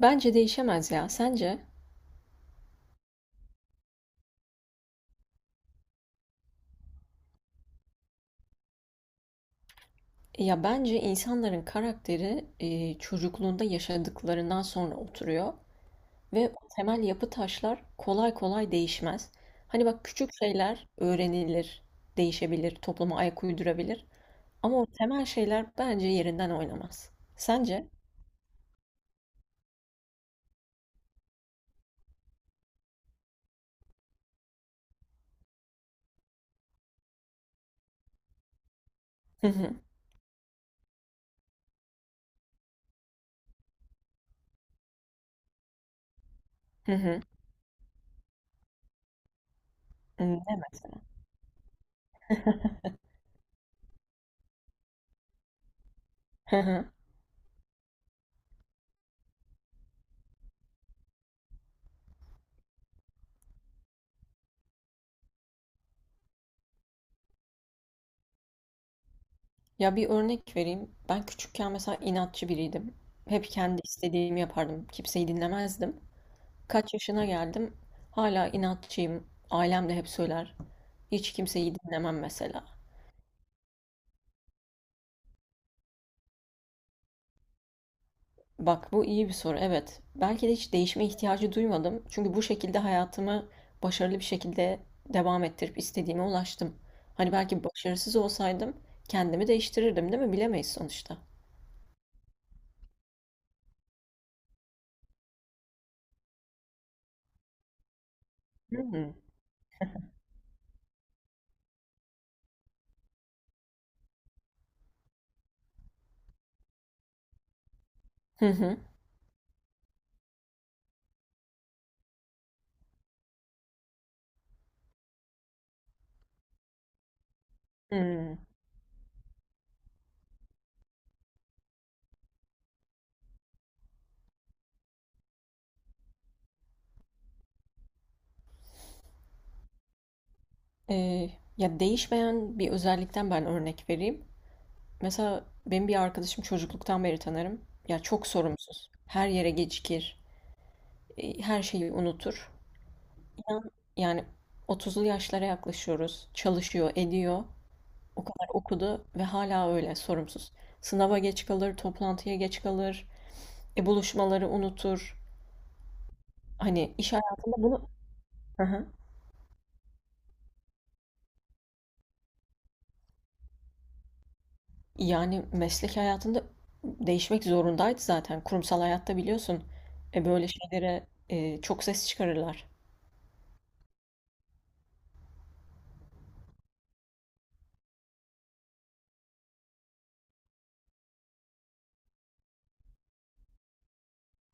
Bence değişemez ya. Sence? Ya bence insanların karakteri çocukluğunda yaşadıklarından sonra oturuyor ve o temel yapı taşlar kolay kolay değişmez. Hani bak küçük şeyler öğrenilir, değişebilir, topluma ayak uydurabilir ama o temel şeyler bence yerinden oynamaz. Sence? Hı hı. Hı hı. Hı, deme. Hı hı. Ya bir örnek vereyim. Ben küçükken mesela inatçı biriydim. Hep kendi istediğimi yapardım. Kimseyi dinlemezdim. Kaç yaşına geldim hala inatçıyım. Ailem de hep söyler. Hiç kimseyi dinlemem mesela. Bak bu iyi bir soru evet. Belki de hiç değişme ihtiyacı duymadım. Çünkü bu şekilde hayatımı başarılı bir şekilde devam ettirip istediğime ulaştım. Hani belki başarısız olsaydım kendimi değiştirirdim değil mi? Bilemeyiz sonuçta. Hı hı. Hı hı. Hı. Ee, ya değişmeyen bir özellikten ben örnek vereyim. Mesela benim bir arkadaşım çocukluktan beri tanırım. Ya çok sorumsuz. Her yere gecikir. Her şeyi unutur. İnan, yani 30'lu yaşlara yaklaşıyoruz. Çalışıyor, ediyor. O kadar okudu ve hala öyle sorumsuz. Sınava geç kalır, toplantıya geç kalır. Buluşmaları unutur. Hani iş hayatında bunu... Hı hı. Yani meslek hayatında değişmek zorundaydı zaten. Kurumsal hayatta biliyorsun. Böyle şeylere çok ses çıkarırlar.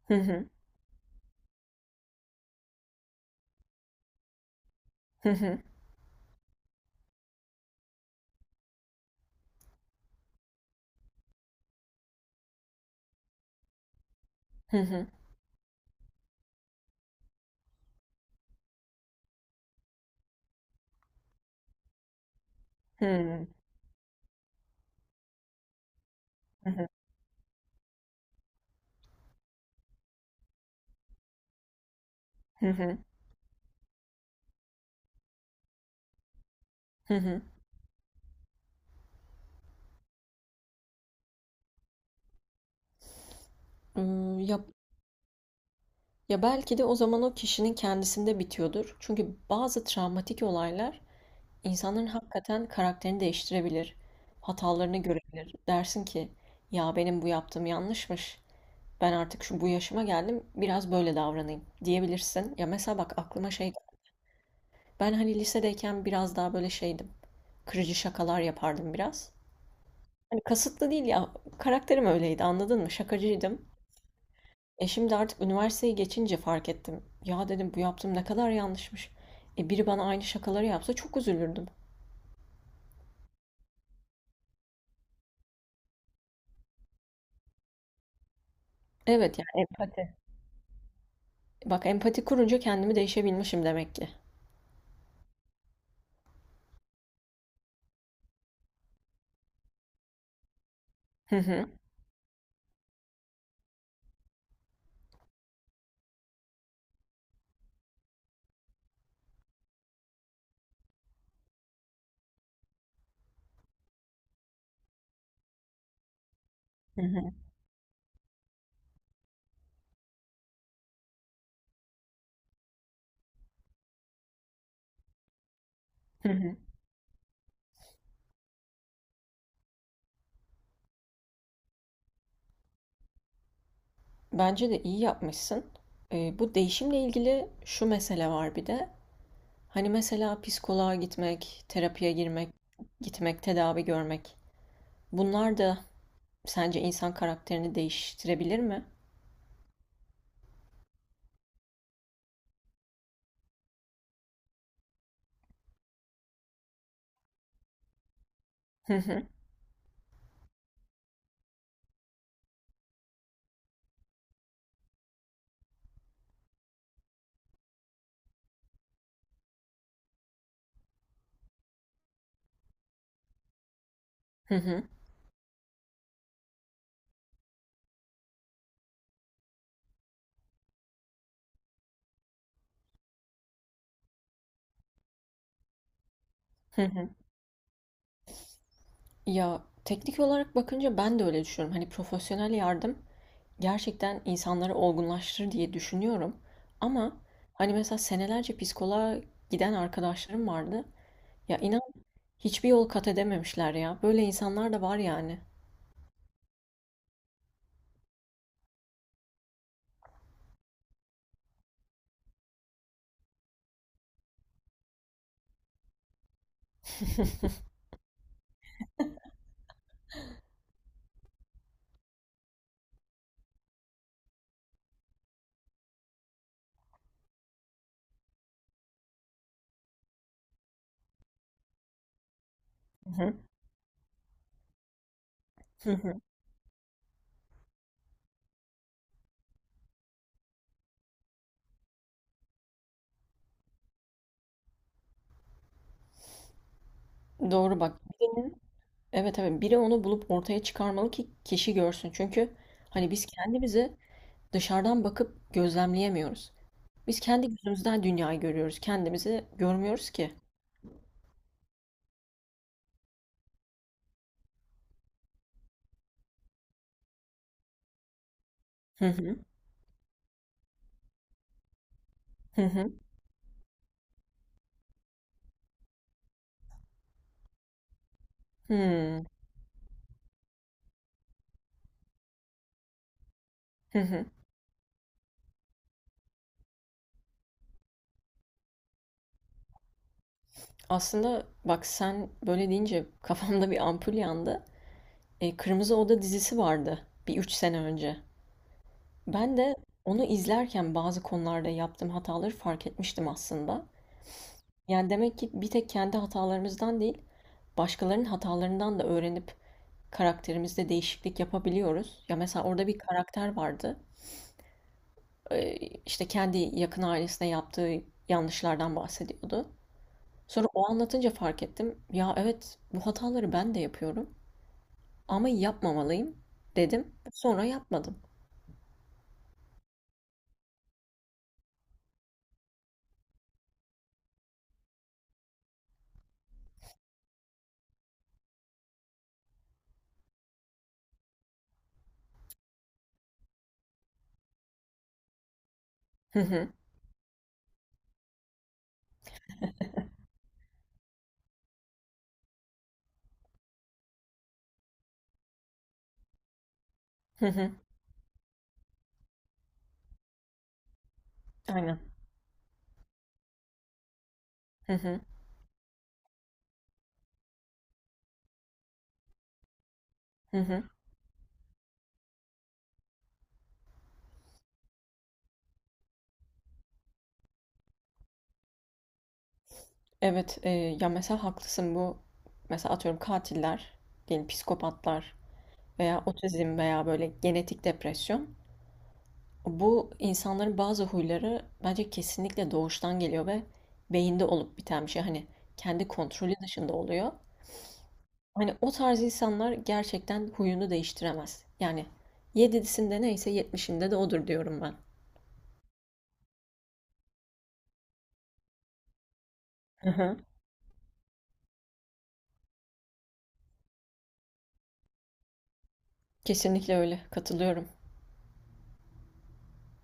Hı hı. Hı hı. Hı hı. Hıı. Hı hı. Hı hı. Hı hı. Ya ya, belki de o zaman o kişinin kendisinde bitiyordur. Çünkü bazı travmatik olaylar insanların hakikaten karakterini değiştirebilir. Hatalarını görebilir. Dersin ki, "Ya, benim bu yaptığım yanlışmış. Ben artık şu bu yaşıma geldim, biraz böyle davranayım." diyebilirsin. Ya, mesela bak aklıma şey ben, hani, lisedeyken biraz daha böyle şeydim, kırıcı şakalar yapardım biraz. Hani, kasıtlı değil ya, karakterim öyleydi, anladın mı? Şakacıydım. Şimdi artık üniversiteyi geçince fark ettim. Ya dedim bu yaptığım ne kadar yanlışmış. Biri bana aynı şakaları yapsa çok üzülürdüm. Evet yani empati. Bak empati kurunca kendimi değişebilmişim demek ki. Hı hı. Hı hı. Hı hı. Bence de iyi yapmışsın. Bu değişimle ilgili şu mesele var bir de. Hani mesela psikoloğa gitmek, terapiye girmek, gitmek, tedavi görmek. Bunlar da sence insan karakterini değiştirebilir mi? Hı hı. Hı hı. Hı hı. Ya teknik olarak bakınca ben de öyle düşünüyorum. Hani profesyonel yardım gerçekten insanları olgunlaştırır diye düşünüyorum. Ama hani mesela senelerce psikoloğa giden arkadaşlarım vardı. Ya inan hiçbir yol kat edememişler ya. Böyle insanlar da var yani. Hı hı. Hı hı. Doğru bak. Birinin, evet evet biri onu bulup ortaya çıkarmalı ki kişi görsün. Çünkü hani biz kendimizi dışarıdan bakıp gözlemleyemiyoruz. Biz kendi gözümüzden dünyayı görüyoruz. Kendimizi görmüyoruz ki. Hı hı. Hı hı. Hımm. Hı hı. Aslında bak sen böyle deyince kafamda bir ampul yandı. Kırmızı Oda dizisi vardı bir 3 sene önce. Ben de onu izlerken bazı konularda yaptığım hataları fark etmiştim aslında. Yani demek ki bir tek kendi hatalarımızdan değil, başkalarının hatalarından da öğrenip karakterimizde değişiklik yapabiliyoruz. Ya mesela orada bir karakter vardı. Eee, işte kendi yakın ailesine yaptığı yanlışlardan bahsediyordu. Sonra o anlatınca fark ettim. Ya evet bu hataları ben de yapıyorum ama yapmamalıyım dedim. Sonra yapmadım. Hı hı. Hı hı. Aynen. Hı hı. Hı hı. Evet, ya mesela haklısın bu mesela atıyorum katiller, yani psikopatlar veya otizm veya böyle genetik depresyon. Bu insanların bazı huyları bence kesinlikle doğuştan geliyor ve beyinde olup biten bir şey. Hani kendi kontrolü dışında oluyor. Hani o tarz insanlar gerçekten huyunu değiştiremez. Yani 7'sinde neyse 70'inde de odur diyorum ben. Hı hı. Kesinlikle öyle. Katılıyorum.